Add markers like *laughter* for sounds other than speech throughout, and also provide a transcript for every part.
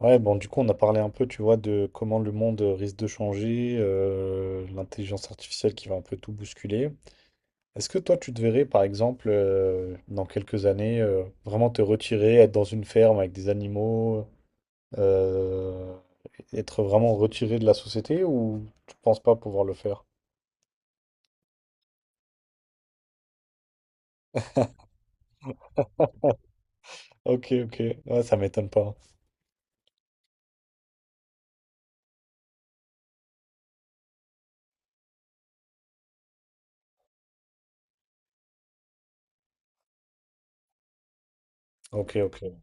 Ouais, bon, du coup, on a parlé un peu, tu vois, de comment le monde risque de changer, l'intelligence artificielle qui va un peu tout bousculer. Est-ce que toi, tu te verrais, par exemple, dans quelques années, vraiment te retirer, être dans une ferme avec des animaux, euh, être vraiment retiré de la société ou tu penses pas pouvoir le faire? Ok, ok, ouais, ça m'étonne pas. Ok, ok.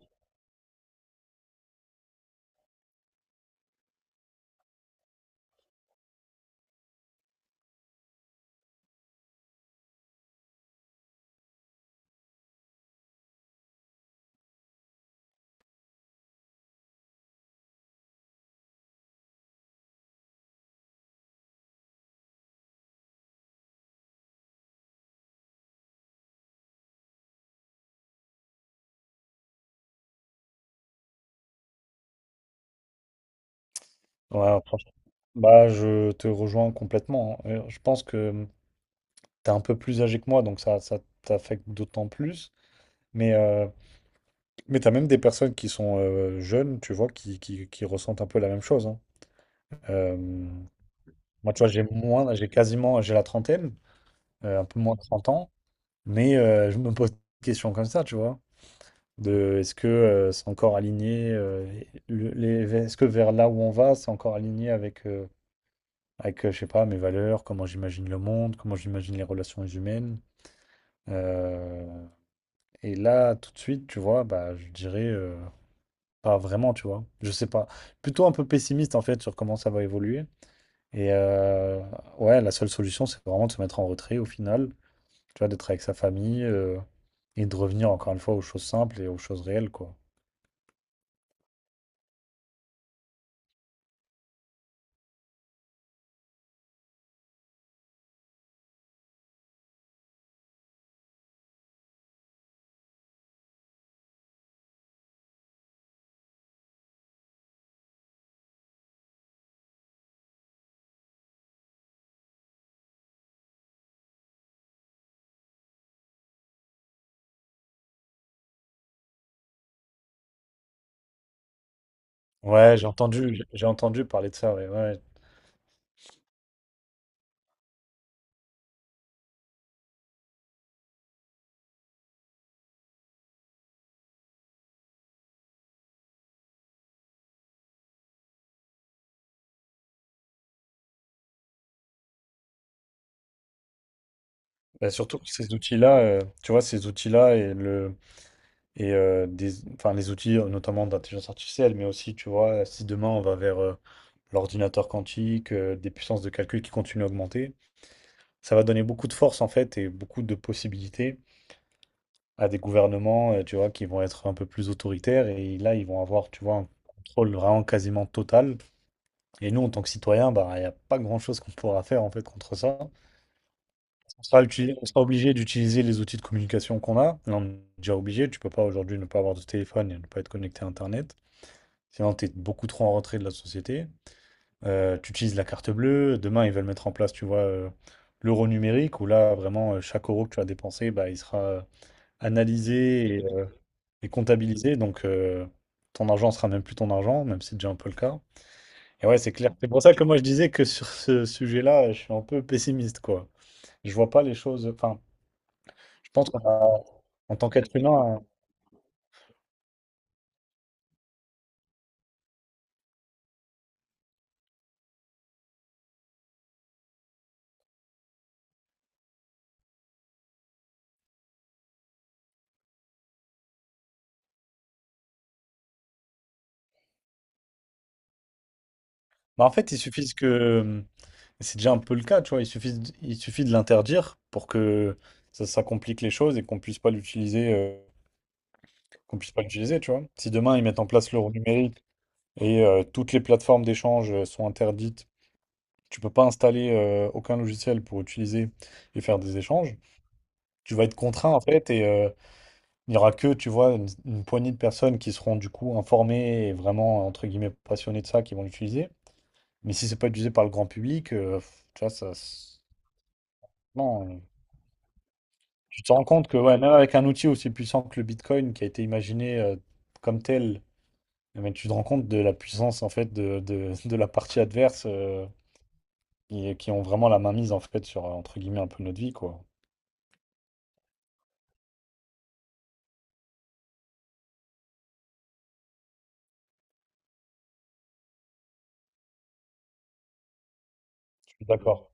Ouais, franchement. Bah, je te rejoins complètement, hein. Je pense que t'es un peu plus âgé que moi, donc ça t'affecte d'autant plus. Mais, mais t'as même des personnes qui sont jeunes, tu vois, qui ressentent un peu la même chose, hein. Euh, Moi, tu vois, j'ai moins, j'ai quasiment, j'ai la trentaine, un peu moins de 30 ans, mais je me pose des questions comme ça, tu vois, de est-ce que c'est encore aligné, est-ce que vers là où on va, c'est encore aligné avec, je sais pas, mes valeurs, comment j'imagine le monde, comment j'imagine les relations humaines. Euh, et là, tout de suite, tu vois, bah, je dirais pas vraiment, tu vois. Je sais pas. Plutôt un peu pessimiste en fait sur comment ça va évoluer. Et ouais, la seule solution, c'est vraiment de se mettre en retrait au final. Tu vois, d'être avec sa famille, et de revenir encore une fois aux choses simples et aux choses réelles, quoi. Ouais, j'ai entendu parler de ça. Ouais, ouais. Bah, surtout que ces outils-là, tu vois, ces outils-là et le et des, enfin les outils notamment d'intelligence artificielle, mais aussi, tu vois, si demain on va vers l'ordinateur quantique, des puissances de calcul qui continuent à augmenter. Ça va donner beaucoup de force en fait et beaucoup de possibilités à des gouvernements, tu vois, qui vont être un peu plus autoritaires et là ils vont avoir, tu vois, un contrôle vraiment quasiment total. Et nous, en tant que citoyens, bah, il n'y a pas grand-chose qu'on pourra faire en fait contre ça. On sera, on sera obligé d'utiliser les outils de communication qu'on a. Là, on est déjà obligé. Tu peux pas aujourd'hui ne pas avoir de téléphone et ne pas être connecté à Internet. Sinon, tu es beaucoup trop en retrait de la société. Tu utilises la carte bleue. Demain, ils veulent mettre en place, tu vois, l'euro numérique où là, vraiment, chaque euro que tu as dépensé, bah, il sera analyser et, et comptabiliser. Donc, ton argent sera même plus ton argent, même si c'est déjà un peu le cas. Et ouais, c'est clair. C'est pour ça que moi, je disais que sur ce sujet-là, je suis un peu pessimiste, quoi. Je vois pas les choses. Enfin, je pense qu'on a, en tant qu'être humain, bah, en fait, il suffit que. C'est déjà un peu le cas, tu vois. Il suffit, il suffit de l'interdire pour que ça complique les choses et qu'on puisse pas l'utiliser, tu vois. Si demain ils mettent en place l'euro numérique et toutes les plateformes d'échange sont interdites. Tu peux pas installer aucun logiciel pour utiliser et faire des échanges. Tu vas être contraint en fait et il n'y aura que, tu vois, une poignée de personnes qui seront du coup informées et vraiment entre guillemets passionnées de ça qui vont l'utiliser. Mais si c'est pas utilisé par le grand public, tu vois, ça, non. Tu te rends compte que ouais, même avec un outil aussi puissant que le Bitcoin qui a été imaginé comme tel, eh ben, tu te rends compte de la puissance en fait *laughs* de la partie adverse qui ont vraiment la mainmise en fait sur entre guillemets un peu notre vie, quoi. Je suis d'accord.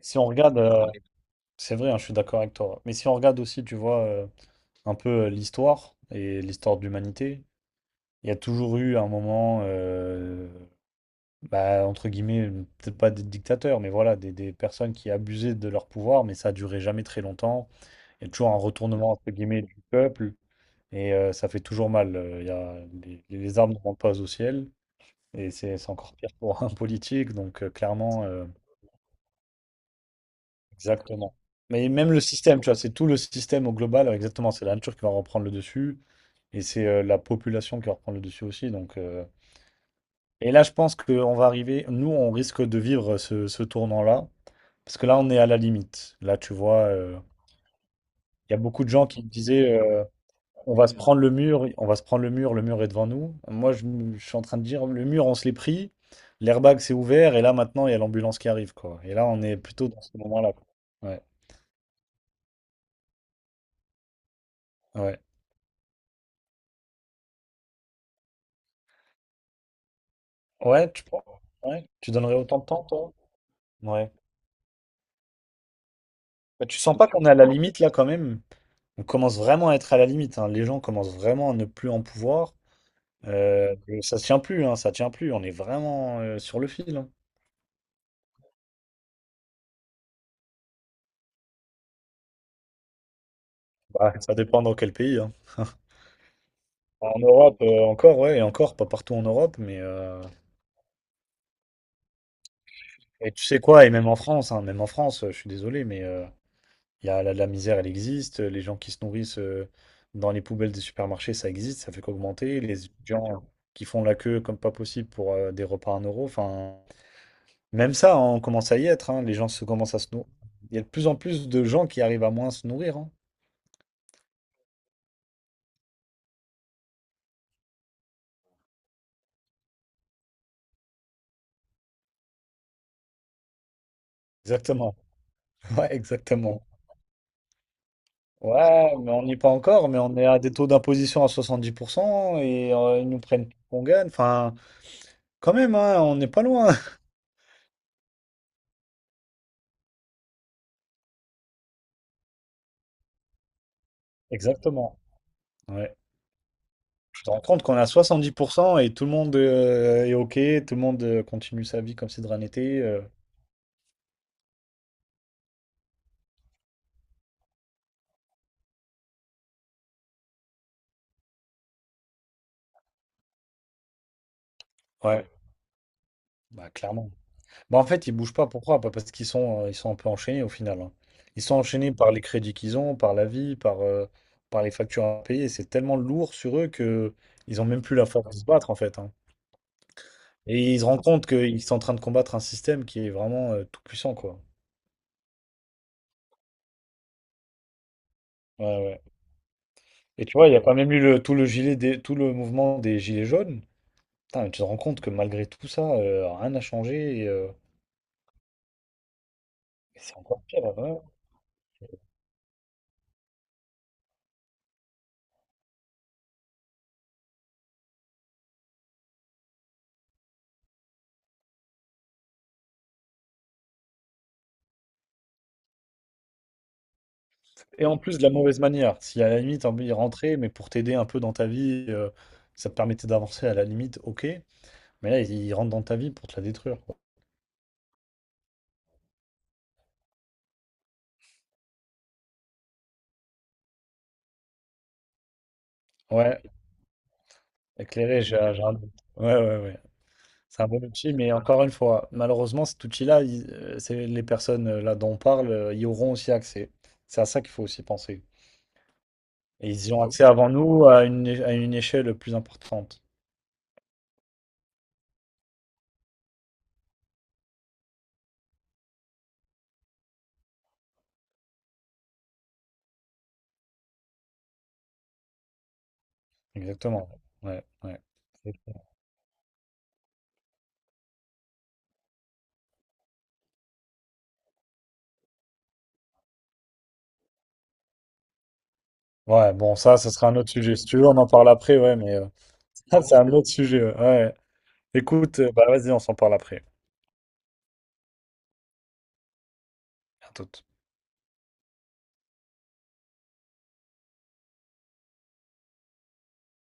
Si on regarde, c'est vrai, hein, je suis d'accord avec toi. Mais si on regarde aussi, tu vois, un peu l'histoire et l'histoire de l'humanité, il y a toujours eu un moment, bah, entre guillemets, peut-être pas des dictateurs, mais voilà, des personnes qui abusaient de leur pouvoir, mais ça a duré jamais très longtemps. Il y a toujours un retournement, entre guillemets, du peuple. Ça fait toujours mal. Y a, les armes ne montent pas au ciel. Et c'est encore pire pour un *laughs* politique. Donc, clairement, exactement. Mais même le système, tu vois, c'est tout le système au global. Exactement. C'est la nature qui va reprendre le dessus. Et c'est la population qui va reprendre le dessus aussi. Donc, et là, je pense qu'on va arriver. Nous, on risque de vivre ce tournant-là. Parce que là, on est à la limite. Là, tu vois, il y a beaucoup de gens qui me disaient: On va se prendre le mur, on va se prendre le mur est devant nous. Moi, je suis en train de dire, le mur, on se l'est pris, l'airbag s'est ouvert, et là, maintenant, il y a l'ambulance qui arrive, quoi. Et là, on est plutôt dans ce moment-là, quoi. Ouais, ouais. Ouais, ouais, tu donnerais autant de temps, toi? Ouais. Bah, tu sens pas qu'on est à la limite, là, quand même? On commence vraiment à être à la limite, hein. Les gens commencent vraiment à ne plus en pouvoir. Euh, Ça tient plus, hein, ça tient plus. On est vraiment sur le fil, hein. Bah, ça dépend dans quel pays, hein. En Europe, encore, ouais, et encore, pas partout en Europe, mais... Et tu sais quoi, et même en France, hein, même en France, je suis désolé, mais il y a la misère, elle existe. Les gens qui se nourrissent dans les poubelles des supermarchés, ça existe, ça fait qu'augmenter. Les étudiants qui font la queue comme pas possible pour des repas à 1 euro, enfin, même ça, hein, on commence à y être. Hein, les gens se commencent à se nourrir. Il y a de plus en plus de gens qui arrivent à moins se nourrir, hein. Exactement. *laughs* Ouais, exactement. Ouais, mais on n'y est pas encore, mais on est à des taux d'imposition à 70% et ils nous prennent tout qu'on gagne. Enfin, quand même, hein, on n'est pas loin. *laughs* Exactement. Ouais. Tu te rends compte qu'on est à 100 et tout le monde est OK, tout le monde continue sa vie comme si de rien n'était. Ouais, bah clairement. Bah en fait, ils bougent pas, pourquoi? Bah, parce qu'ils sont un peu enchaînés au final, hein. Ils sont enchaînés par les crédits qu'ils ont, par la vie, par les factures à payer. C'est tellement lourd sur eux que ils ont même plus la force de se battre en fait, hein. Et ils se rendent compte qu'ils sont en train de combattre un système qui est vraiment tout puissant, quoi. Ouais, ouais. Et tu vois, il n'y a pas même eu le, tout le gilet des, tout le mouvement des gilets jaunes. Putain, mais tu te rends compte que malgré tout ça, rien n'a changé et c'est encore pire, ouais. Et en plus de la mauvaise manière, si à la limite t'as envie de rentrer, mais pour t'aider un peu dans ta vie, ça te permettait d'avancer à la limite, ok. Mais là, il rentre dans ta vie pour te la détruire, quoi. Ouais, éclairé, j'ai un doute. Ouais, ouais, ouais. C'est un bon outil, mais encore une fois, malheureusement, cet outil-là, c'est les personnes là dont on parle, y auront aussi accès. C'est à ça qu'il faut aussi penser. Et ils y ont accès avant nous à à une échelle plus importante. Exactement. Ouais, ouais. Ouais, bon, ça, ce sera un autre sujet. Si tu veux, on en parle après, ouais, mais *laughs* ça, c'est un autre sujet. Ouais. Ouais. Écoute, bah vas-y, on s'en parle après. À toute.